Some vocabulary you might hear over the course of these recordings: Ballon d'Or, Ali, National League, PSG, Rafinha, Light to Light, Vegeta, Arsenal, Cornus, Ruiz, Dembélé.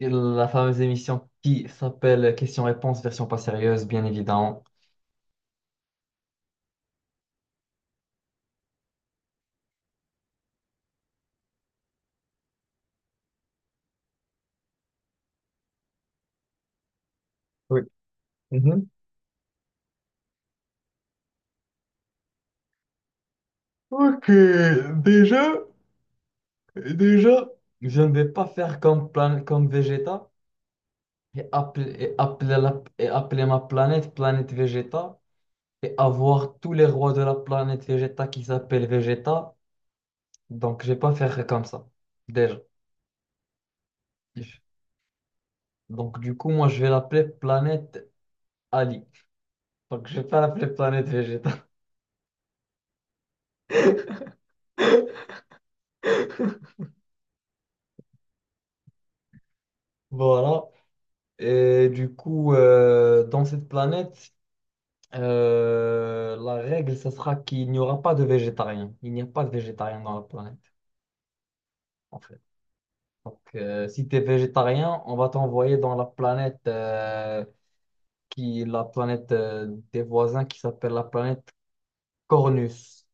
La fameuse émission qui s'appelle Questions-réponses, version pas sérieuse, bien évidemment. Oui. Mhm. Ok, déjà, déjà, je ne vais pas faire comme, comme Vegeta et appeler, et appeler et appeler ma planète planète Vegeta et avoir tous les rois de la planète Vegeta qui s'appellent Vegeta. Donc, je vais pas faire comme ça, déjà. Donc, du coup, moi, je vais l'appeler planète Ali. Donc, je vais pas l'appeler planète Vegeta. Voilà. Et du coup, dans cette planète, la règle, ce sera qu'il n'y aura pas de végétariens. Il n'y a pas de végétariens dans la planète, en fait. Donc, si tu es végétarien, on va t'envoyer dans la planète, qui, la planète des voisins qui s'appelle la planète Cornus.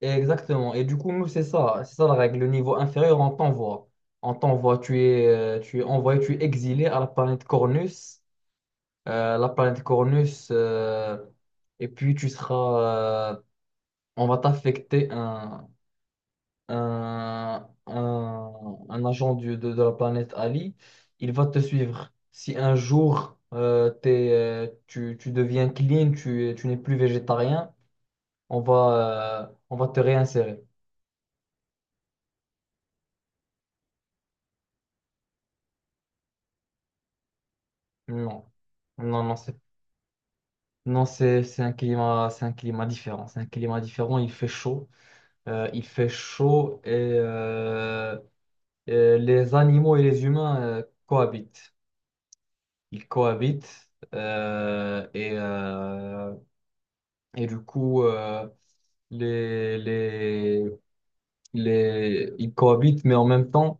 Et exactement. Et du coup, nous, c'est ça. C'est ça la règle. Le niveau inférieur, on t'envoie. On t'envoie, tu es envoyé, tu es exilé à la planète Cornus. La planète Cornus, et puis tu seras, on va t'affecter un, un agent de la planète Ali. Il va te suivre. Si un jour t'es, tu, tu deviens clean, tu n'es plus végétarien, on va te réinsérer. Non, non, non, non, c'est un climat différent. C'est un climat différent. Il fait chaud. Il fait chaud et euh, les animaux et les humains cohabitent. Ils cohabitent et du coup, les, les, ils cohabitent, mais en même temps,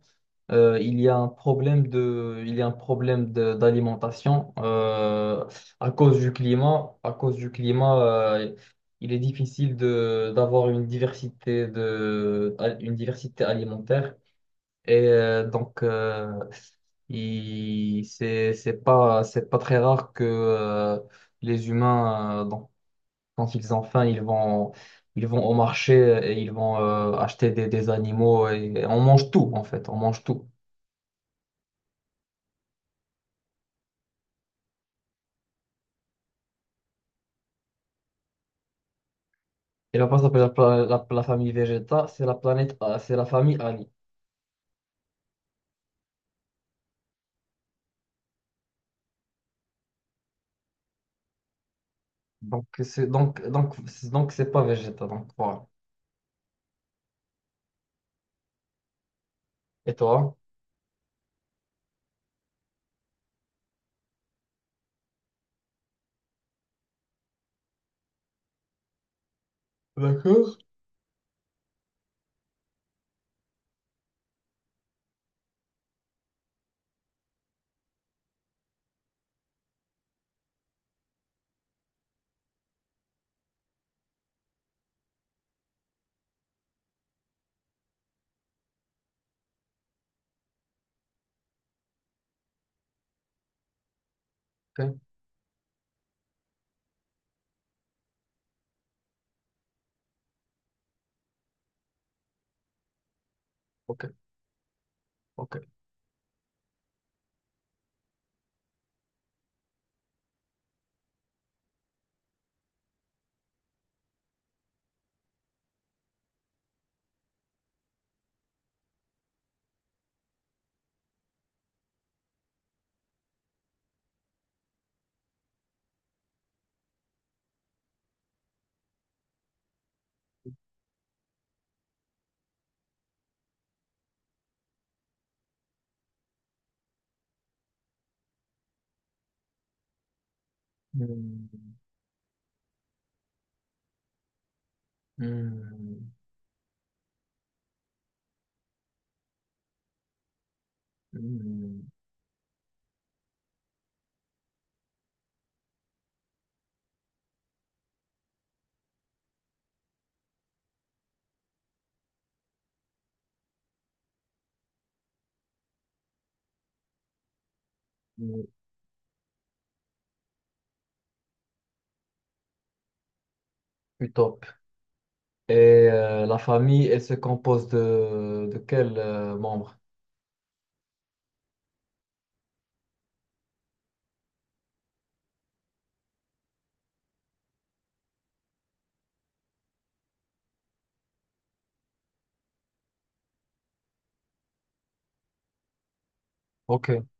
il y a un problème de, il y a un problème d'alimentation à cause du climat. À cause du climat, il est difficile de, d'avoir une diversité de, une diversité alimentaire. Et donc, il, c'est pas très rare que les humains, donc, quand ils ont faim, ils vont au marché et ils vont acheter des animaux et on mange tout, en fait, on mange tout. Et là-bas, ça s'appelle la, la famille Vegeta, c'est la planète, c'est la famille Ali. Donc, c'est, donc, donc, c'est pas Vegeta, donc voilà. Et toi? D'accord. Ok, ok, ok. Hmm, hmm, hmm, hmm. Du top. Et la famille, elle se compose de quels membres? Ok,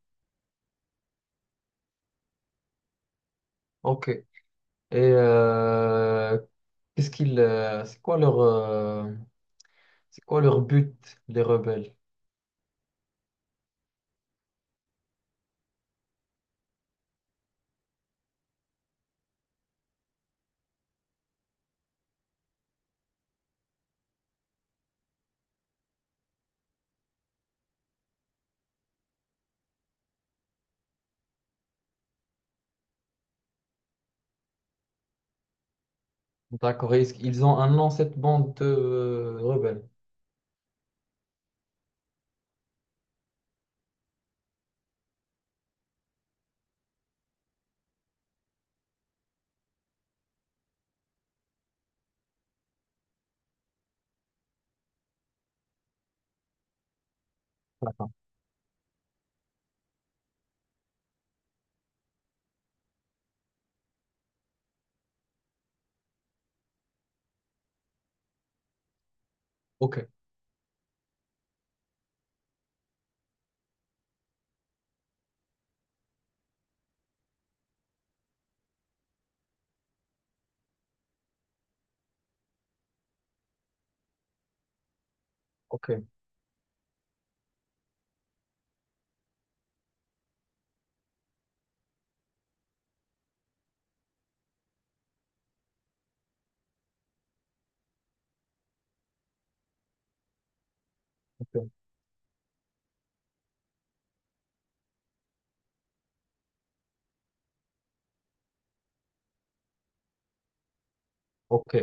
ok. Et euh, qu'est-ce qu'ils, c'est quoi leur but, les rebelles? D'accord, et est-ce qu'ils ont un nom, cette bande de rebelles. Ok, ok, ok, ok.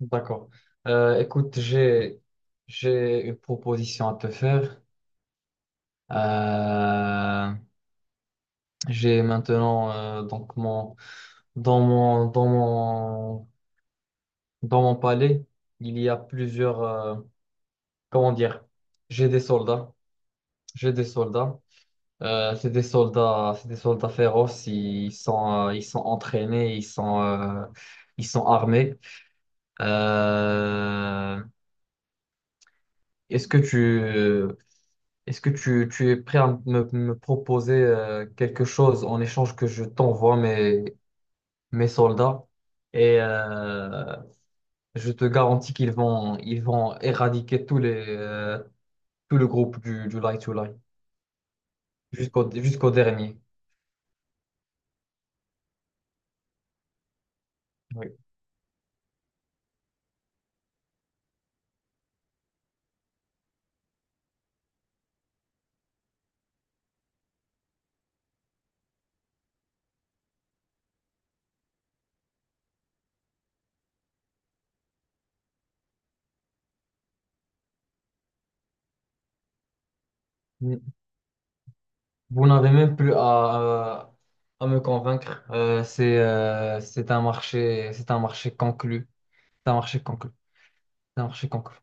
D'accord. Écoute, j'ai une proposition à te faire. Euh, j'ai maintenant donc mon dans mon dans mon dans mon palais, il y a plusieurs, comment dire, j'ai des soldats, j'ai des soldats. C'est des soldats, c'est des soldats féroces. Ils sont entraînés, ils sont armés. Euh, Est-ce que tu, est-ce que tu es prêt à me, me proposer quelque chose en échange que je t'envoie mes, mes soldats? Et je te garantis qu'ils vont, ils vont éradiquer tous les, tout le groupe du Light to Light, jusqu'au jusqu'au dernier. Oui. Mm. Vous n'avez même plus à me convaincre. C'est c'est un marché conclu. C'est un marché conclu. C'est un marché conclu.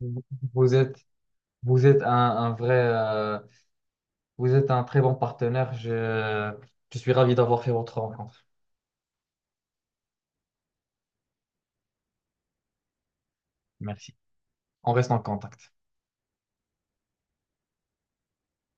Vous vous êtes, vous êtes un vrai, vous êtes un très bon partenaire. Je suis ravi d'avoir fait votre rencontre. Merci. On reste en contact.